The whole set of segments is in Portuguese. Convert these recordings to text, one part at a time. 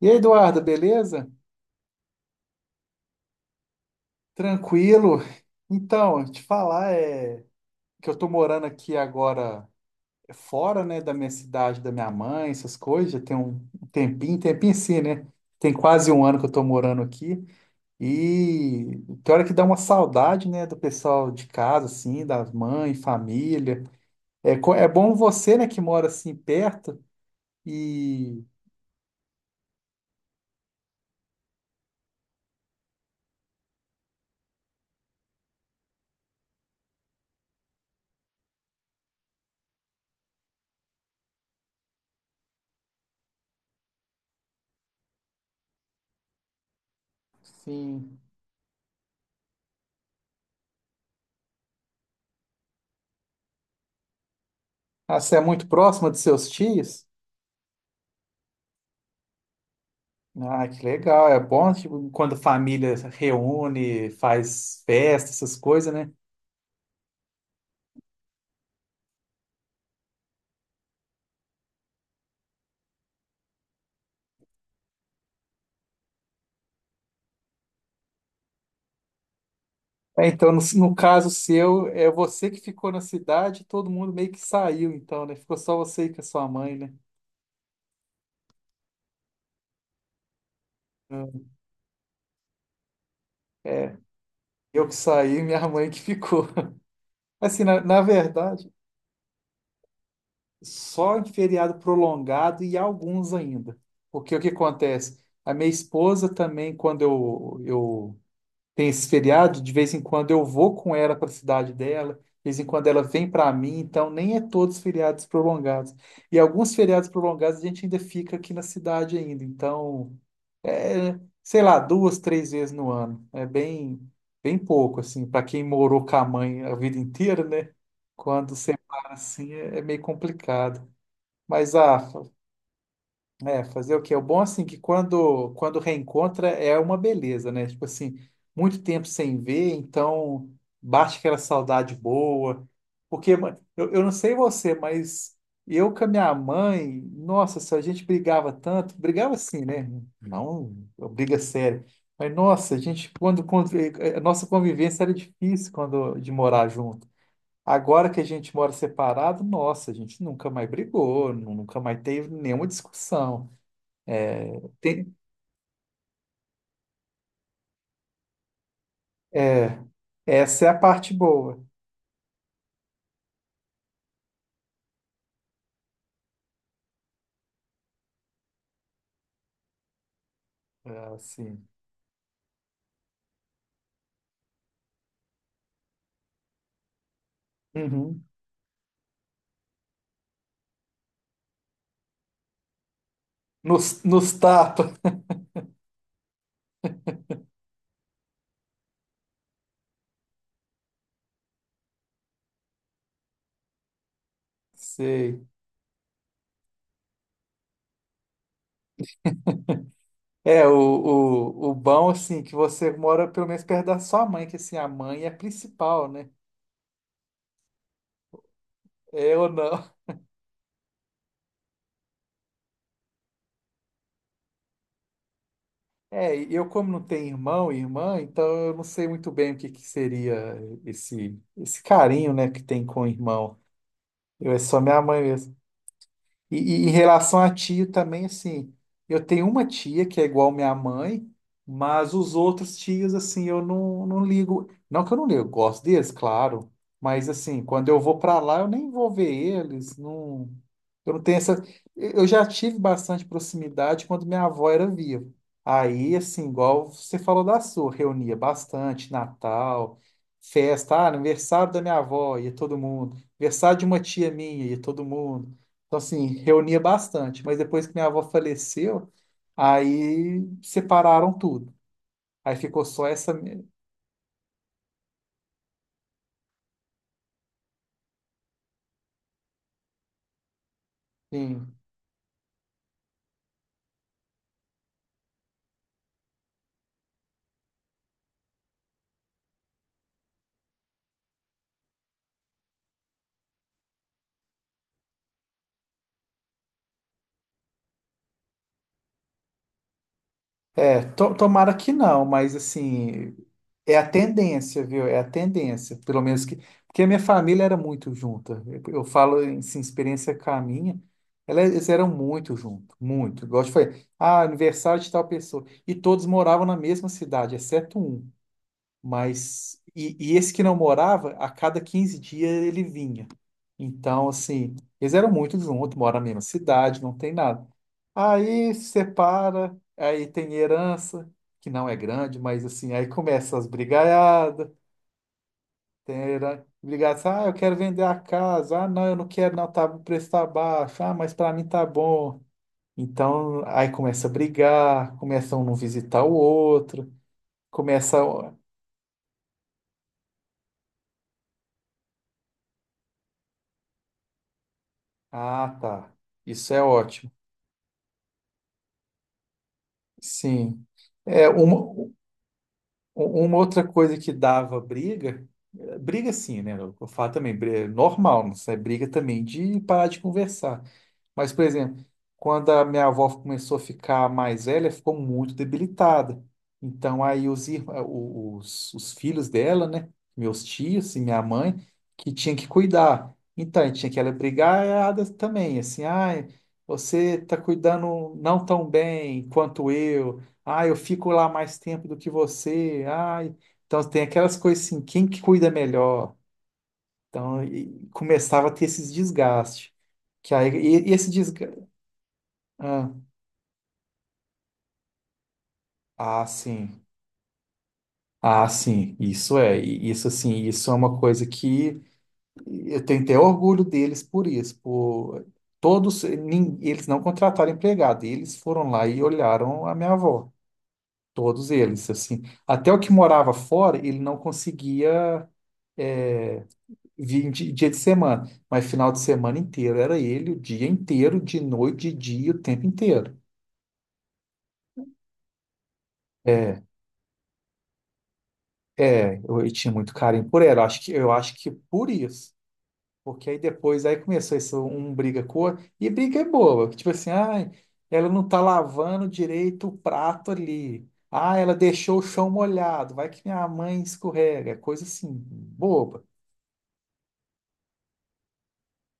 E aí, Eduardo, beleza? Tranquilo? Então, te falar que eu tô morando aqui agora fora, né, da minha cidade, da minha mãe, essas coisas, já tem um tempinho, tempinho sim, né? Tem quase um ano que eu tô morando aqui e tem hora que dá uma saudade, né, do pessoal de casa, assim, da mãe, família. É bom você, né, que mora assim perto e, sim. Ah, você é muito próxima dos seus tios? Ah, que legal. É bom, tipo, quando família reúne, faz festa, essas coisas, né? É, então, no caso seu, é você que ficou na cidade, todo mundo meio que saiu, então, né? Ficou só você e com a sua mãe, né? É, eu que saí, minha mãe que ficou. Assim, na verdade, só em feriado prolongado e alguns ainda. Porque o que acontece? A minha esposa também, quando eu tem esse feriado, de vez em quando eu vou com ela para a cidade dela, de vez em quando ela vem para mim, então nem é todos feriados prolongados. E alguns feriados prolongados a gente ainda fica aqui na cidade ainda, então é, sei lá, duas, três vezes no ano. É bem bem pouco assim, para quem morou com a mãe a vida inteira, né? Quando separa assim é meio complicado. Mas ah, é, fazer o quê? O bom, assim, que quando reencontra é uma beleza, né? Tipo assim, muito tempo sem ver, então bate aquela saudade boa. Porque eu não sei você, mas eu com a minha mãe, nossa, se a gente brigava tanto, brigava assim, né? Não, briga séria. Mas, nossa, a gente, a nossa convivência era difícil quando de morar junto. Agora que a gente mora separado, nossa, a gente nunca mais brigou, nunca mais teve nenhuma discussão. Tem- é, essa é a parte boa. É, assim. Uhum. Nos tapa. Sei. É, o bom, assim, que você mora pelo menos perto da sua mãe, que assim, a mãe é a principal, né? É ou não? É, e eu como não tenho irmão e irmã, então eu não sei muito bem o que que seria esse carinho, né, que tem com o irmão. Eu é só minha mãe mesmo. E, e em relação a tio também, assim, eu tenho uma tia que é igual minha mãe, mas os outros tios, assim, eu não, não ligo. Não que eu não ligo, eu gosto deles, claro, mas, assim, quando eu vou para lá, eu nem vou ver eles, não, eu não tenho essa. Eu já tive bastante proximidade quando minha avó era viva. Aí, assim, igual você falou da sua, reunia bastante, Natal, festa, ah, aniversário da minha avó, ia todo mundo, aniversário de uma tia minha, ia todo mundo. Então, assim, reunia bastante, mas depois que minha avó faleceu, aí separaram tudo. Aí ficou só essa. Assim, é, tomara que não, mas assim, é a tendência, viu? É a tendência, pelo menos que. Porque a minha família era muito junta. Eu falo em assim, experiência com a minha, eles eram muito juntos, muito. Igual eu te falei, ah, aniversário de tal pessoa. E todos moravam na mesma cidade, exceto um. Mas, e esse que não morava, a cada 15 dias ele vinha. Então, assim, eles eram muito juntos, moram na mesma cidade, não tem nada. Aí se separa, aí tem herança, que não é grande, mas assim, aí começa as brigaiadas, tem herança, brigada, assim, ah, eu quero vender a casa, ah, não, eu não quero, não, tá, o preço tá baixo, ah, mas para mim tá bom. Então, aí começa a brigar, começa um não visitar o outro, começa. Ah, tá. Isso é ótimo. Sim. É uma outra coisa que dava briga, eh, briga sim, né? Eu falo também, é normal, não é briga também de parar de conversar. Mas, por exemplo, quando a minha avó começou a ficar mais velha, ficou muito debilitada. Então, aí os, ir- eh, o- os filhos dela, né? Meus tios e minha mãe, que tinha que cuidar. Então, tinha que ela brigar ela também, assim, ai, você tá cuidando não tão bem quanto eu. Ah, eu fico lá mais tempo do que você. Ai, então tem aquelas coisas assim, quem que cuida melhor? Então, começava a ter esses desgastes que aí, e esse ah, ah, sim. Ah, sim. Isso é. E isso, assim, isso é uma coisa que eu tenho até orgulho deles por isso, por todos, eles não contrataram empregado, eles foram lá e olharam a minha avó. Todos eles, assim. Até o que morava fora, ele não conseguia é, vir dia de semana, mas final de semana inteiro era ele, o dia inteiro, de noite, de dia, o tempo inteiro. É, é, eu tinha muito carinho por ela. Acho que, eu acho que por isso. Porque aí depois, aí começou isso, um briga com o outro, e briga é boa, que tipo assim, ai, ela não tá lavando direito o prato ali. Ah, ela deixou o chão molhado, vai que minha mãe escorrega. É coisa assim, boba.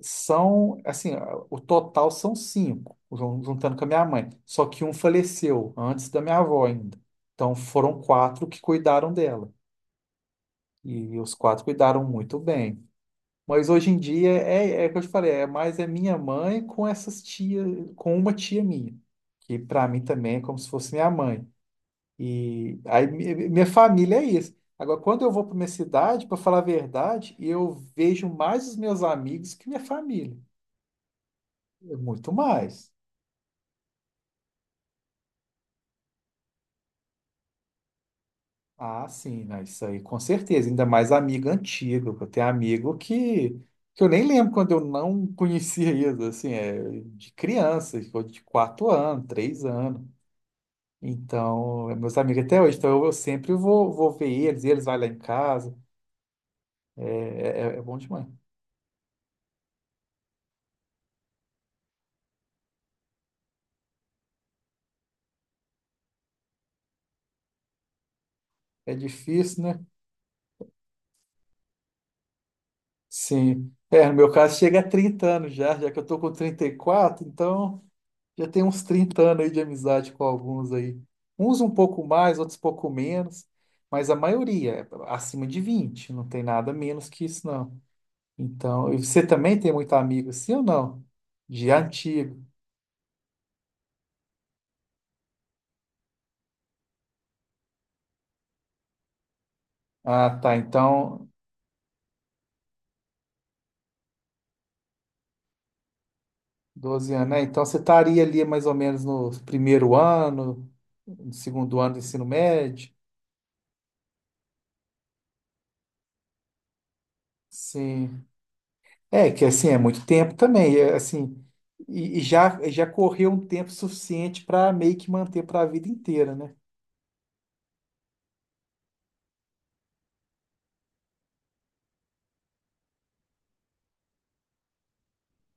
São, assim, o total são cinco, juntando com a minha mãe. Só que um faleceu antes da minha avó ainda. Então foram quatro que cuidaram dela. E os quatro cuidaram muito bem. Mas hoje em dia é o que eu te falei, é mais é minha mãe com essas tias, com uma tia minha, que para mim também é como se fosse minha mãe. E aí minha família é isso. Agora, quando eu vou para minha cidade, para falar a verdade, eu vejo mais os meus amigos que minha família. É muito mais. Ah, sim, né? Isso aí, com certeza. Ainda mais amigo antigo, que eu tenho amigo que eu nem lembro quando eu não conhecia isso, assim, é, de criança, de 4 anos, 3 anos. Então, é meus amigos até hoje, então eu sempre vou ver eles, eles vão lá em casa, é, é, é é bom demais. É difícil, né? Sim. É, no meu caso chega a 30 anos já, já que eu tô com 34 então já tem uns 30 anos aí de amizade com alguns aí. Uns um pouco mais, outros um pouco menos, mas a maioria é acima de 20 não tem nada menos que isso não. Então, e você também tem muito amigo assim ou não? De antigo. Ah, tá, então... 12 anos, né? Então você estaria ali mais ou menos no primeiro ano, no segundo ano do ensino médio. Sim. É, que assim, é muito tempo também, é, assim, e já, já correu um tempo suficiente para meio que manter para a vida inteira, né?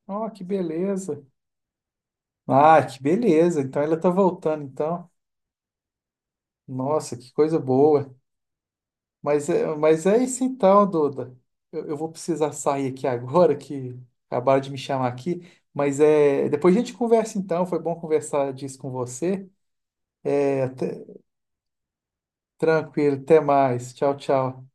Ó, que beleza. Ah, que beleza. Então ela tá voltando, então. Nossa, que coisa boa. Mas é isso então, Duda. Eu vou precisar sair aqui agora, que acabaram de me chamar aqui. Mas é, depois a gente conversa então. Foi bom conversar disso com você. é até- Tranquilo, até mais. Tchau, tchau.